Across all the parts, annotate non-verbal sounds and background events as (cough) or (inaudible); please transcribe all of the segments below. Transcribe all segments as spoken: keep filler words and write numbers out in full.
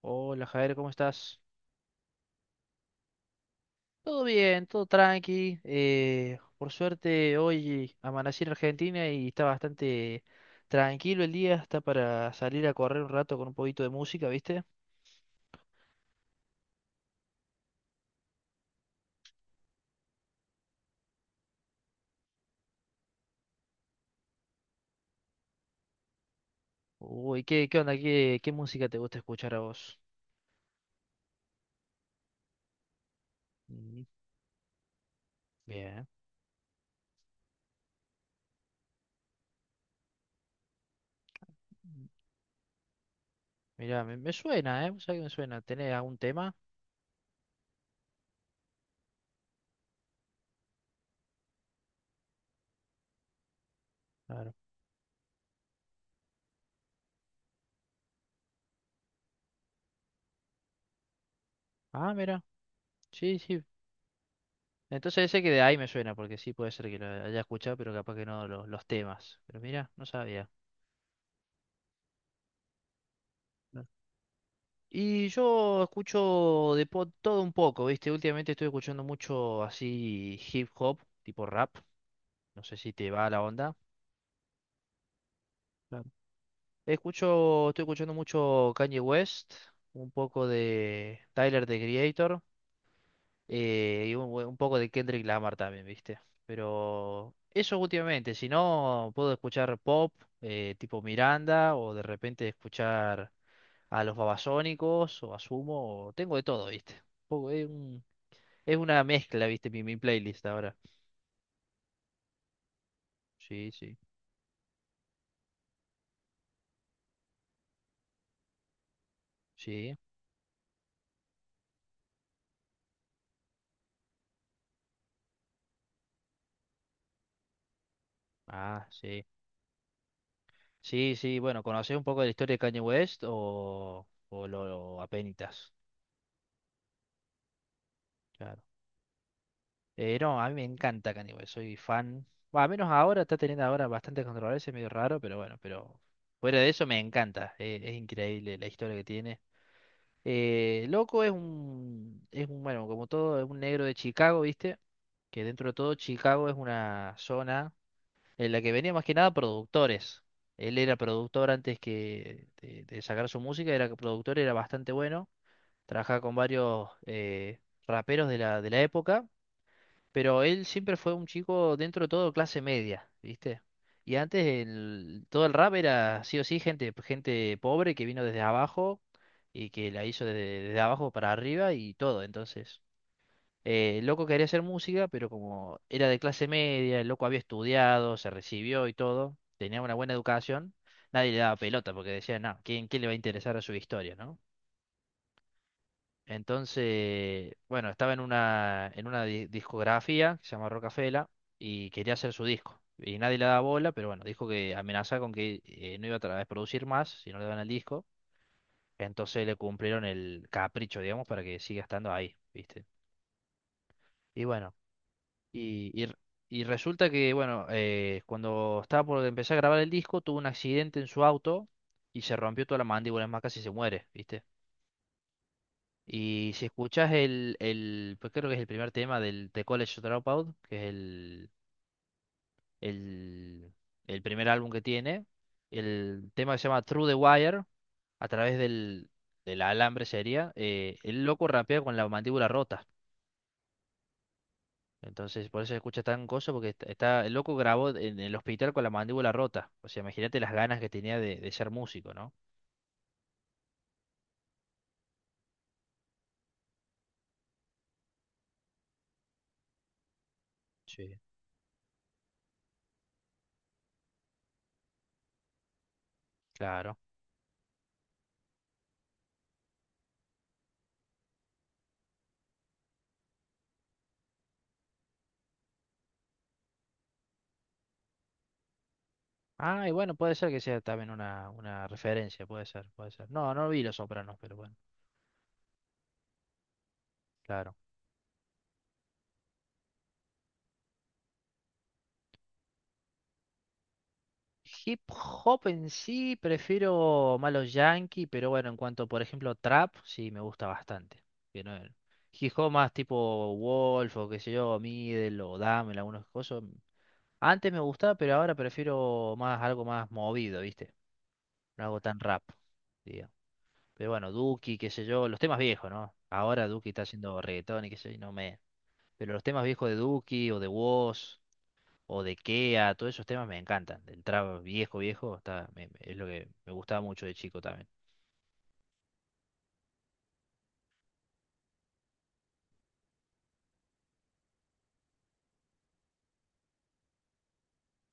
Hola Javier, ¿cómo estás? Todo bien, todo tranqui. Eh, por suerte hoy amanecí en Argentina y está bastante tranquilo el día, está para salir a correr un rato con un poquito de música, ¿viste? Uy, ¿qué, qué onda? ¿Qué, qué música te gusta escuchar a vos? Mm, Bien. Mira, me, me suena, ¿eh? ¿Sabes que me suena? ¿Tenés algún tema? Claro. Ah, mira. Sí, sí. Entonces ese que de ahí me suena, porque sí puede ser que lo haya escuchado, pero capaz que no lo- los temas. Pero mira, no sabía. Y yo escucho de pod- todo un poco, ¿viste? Últimamente estoy escuchando mucho así hip hop, tipo rap. No sé si te va la onda. Claro. Escucho, estoy escuchando mucho Kanye West, un poco de Tyler, the Creator, eh, y un, un poco de Kendrick Lamar también, ¿viste? Pero eso últimamente, si no, puedo escuchar pop, eh, tipo Miranda, o de repente escuchar a los Babasónicos, o a Sumo, o tengo de todo, ¿viste? Un poco, es un- es una mezcla, viste, mi, mi playlist ahora. Sí, sí, sí. Ah, sí. Sí, sí, bueno, ¿conocés un poco de la historia de Kanye West o, o lo apenitas? Claro. Eh, no, a mí me encanta Kanye West, soy fan. Bueno, al menos ahora, está teniendo ahora bastante controversia, medio raro, pero bueno, pero fuera de eso me encanta. Eh, es increíble la historia que tiene. Eh, Loco es un, es un, bueno, como todo, es un negro de Chicago, ¿viste? Que dentro de todo Chicago es una zona en la que venía más que nada productores. Él era productor antes que de, de sacar su música, era productor, era bastante bueno, trabajaba con varios eh, raperos de la, de la época, pero él siempre fue un chico dentro de todo clase media, ¿viste? Y antes el- todo el rap era sí o sí gente, gente pobre que vino desde abajo y que la hizo desde, desde abajo para arriba y todo, entonces. Eh, el loco quería hacer música, pero como era de clase media, el loco había estudiado, se recibió y todo, tenía una buena educación, nadie le daba pelota porque decía, no, ¿quién, quién le va a interesar a su historia, no? Entonces, bueno, estaba en una, en una di- discografía que se llama Rocafela y quería hacer su disco. Y nadie le daba bola, pero bueno, dijo que amenazaba con que eh, no iba a tra- a producir más si no le daban el disco. Entonces le cumplieron el capricho, digamos, para que siga estando ahí, ¿viste? Y bueno. Y, y r- y resulta que, bueno, eh, cuando estaba por empezar a grabar el disco, tuvo un accidente en su auto y se rompió toda la mandíbula, es más, casi se muere, ¿viste? Y si escuchás el, el, pues creo que es el primer tema del The College Dropout, que es el, el, el primer álbum que tiene, el tema que se llama Through the Wire, a través del, del alambre sería, eh, el loco rapea con la mandíbula rota. Entonces, por eso se escucha tan gozo, porque est- está, el loco grabó en el hospital con la mandíbula rota. O sea, imagínate las ganas que tenía de, de ser músico, ¿no? Sí. Claro. Ah, y bueno, puede ser que sea también una, una referencia, puede ser, puede ser. No, no vi Los Sopranos, pero bueno, claro. Hip hop en sí, prefiero más los yankee, pero bueno, en cuanto, por ejemplo, trap, sí me gusta bastante. Que no- Hip hop más tipo Wolf o qué sé yo, Middle o Damel, algunos cosas. Antes me gustaba, pero ahora prefiero más algo más movido, ¿viste? No hago tan rap, digo. Pero bueno, Duki, qué sé yo, los temas viejos, ¿no? Ahora Duki está haciendo reggaetón y qué sé yo, y no me... Pero los temas viejos de Duki o de Wos o de Kea, todos esos temas me encantan. El trap viejo, viejo, está, me- me- es lo que me gustaba mucho de chico también.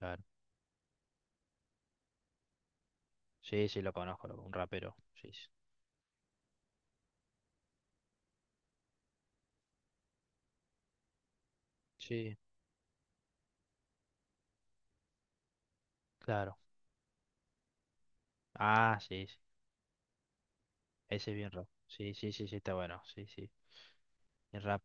Claro. Sí, sí, lo conozco, loco, un rapero. Sí, sí. Sí, claro. Ah, sí, sí. Ese es bien rap. Sí, sí, sí, sí, está bueno. Sí, sí. Bien rap,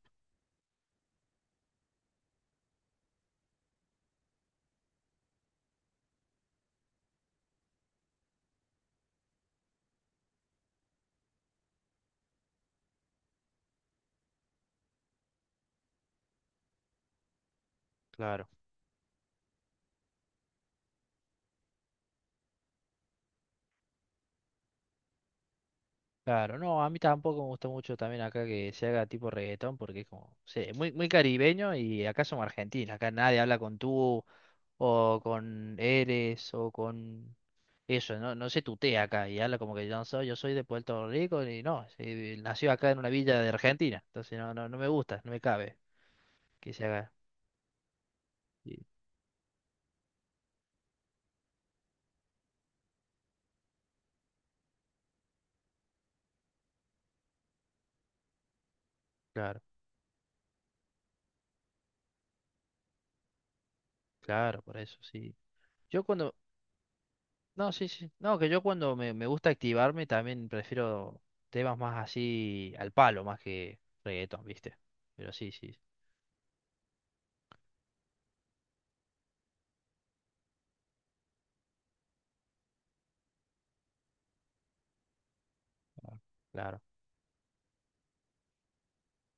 claro. Claro, no, a mí tampoco me gusta mucho también acá que se haga tipo reggaetón porque es como, sí, muy, muy caribeño y acá somos argentinos, acá nadie habla con tú o con eres o con eso, no, no se tutea acá y habla como que yo no soy, yo soy de Puerto Rico y no, sí, nació acá en una villa de Argentina, entonces no, no, no me gusta, no me cabe que se haga. y- claro, claro, por eso sí. Yo cuando, No, sí, sí. No, que yo cuando me, me gusta activarme también prefiero temas más así al palo, más que reggaetón, ¿viste? Pero sí, sí. Claro, claro,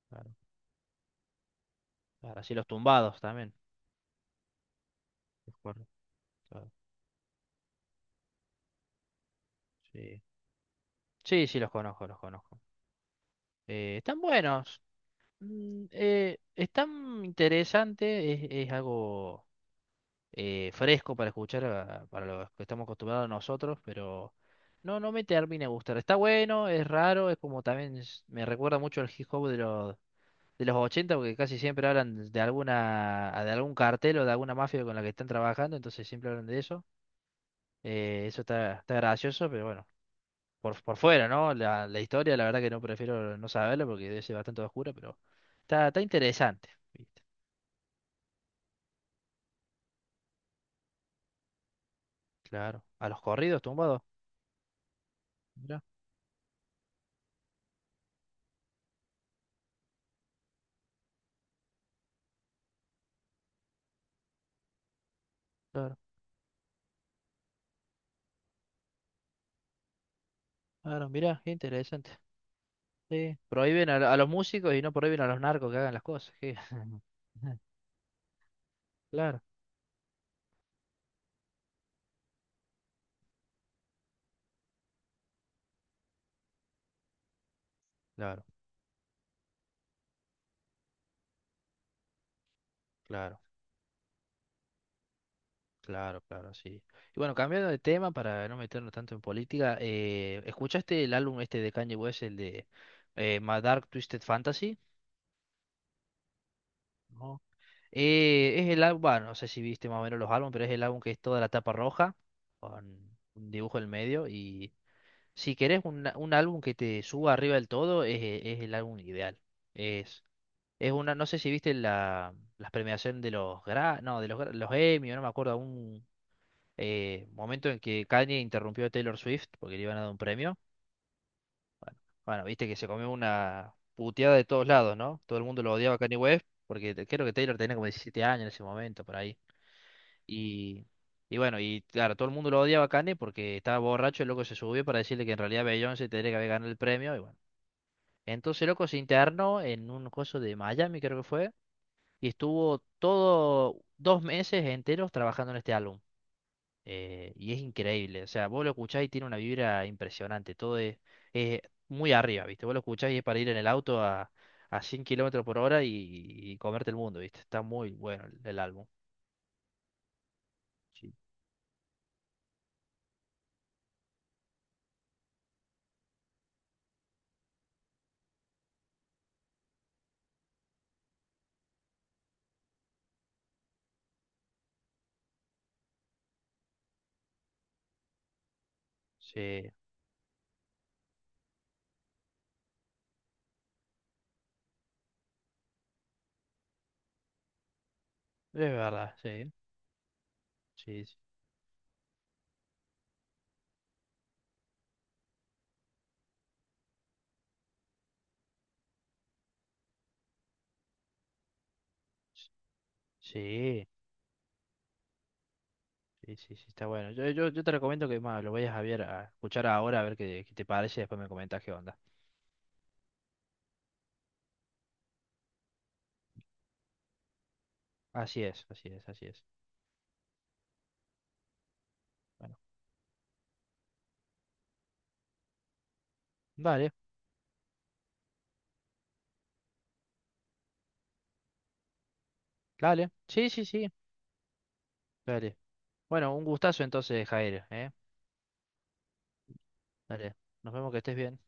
claro. Claro, así los tumbados también. Me acuerdo, claro. Sí. Sí, sí, los conozco, los conozco. Eh, están buenos. Mm, eh, están interesantes, es, es algo. Eh, fresco para escuchar a- para los que estamos acostumbrados nosotros, pero no, no me termina de gustar. Está bueno, es raro, es como también es- me recuerda mucho al hip hop de los, de los ochenta porque casi siempre hablan de alguna, ah, de algún cartel o de alguna mafia con la que están trabajando, entonces siempre hablan de eso. Eh, eso está, está gracioso, pero bueno, por, por fuera, ¿no? La, la historia, la verdad que no prefiero no saberlo porque debe ser bastante oscura, pero está, está interesante, ¿viste? Claro. A los corridos tumbados. Mirá, claro. Claro, mirá, qué interesante. Sí, prohíben a, a los músicos y no prohíben a los narcos que hagan las cosas. ¿Qué? (laughs) Claro, claro, claro, claro, claro, sí. Y bueno, cambiando de tema para no meternos tanto en política, eh, ¿escuchaste el álbum este de Kanye West, el de eh, My Dark Twisted Fantasy? No. Eh, es el álbum, bueno, no sé si viste más o menos los álbumes, pero es el álbum que es toda la tapa roja, con un dibujo en el medio, y si querés un, un álbum que te suba arriba del todo, es, es el álbum ideal. Es una, no sé si viste la, las premiaciones de los gra, no, de los, gra- los Emmy, no me acuerdo, un eh, momento en que Kanye interrumpió a Taylor Swift porque le iban a dar un premio. Bueno, viste que se comió una puteada de todos lados, ¿no? Todo el mundo lo odiaba a Kanye West porque te- creo que Taylor tenía como diecisiete años en ese momento, por ahí. Y, y bueno, y claro, todo el mundo lo odiaba a Kanye porque estaba borracho, el loco se subió para decirle que en realidad Beyoncé tendría que haber ganado el premio y bueno. Entonces, el loco, se internó en un coso de Miami, creo que fue, y estuvo todo dos meses enteros trabajando en este álbum. Eh, y es increíble, o sea, vos lo escuchás y tiene una vibra impresionante, todo es, es muy arriba, ¿viste? Vos lo escuchás y es para ir en el auto a, a cien kilómetros por hora y, y comerte el mundo, ¿viste? Está muy bueno el, el álbum. Sí, sí, es verdad, sí, sí, sí, sí, sí, sí, sí, está bueno. Yo, yo, yo te recomiendo que más lo vayas a ver, a escuchar ahora, a ver qué, qué te parece, y después me comentas qué onda. Así es, así es, así es. Bueno, vale. Dale. Sí, sí, sí. Dale. Bueno, un gustazo entonces, Jair, ¿eh? Dale. Nos vemos que estés bien.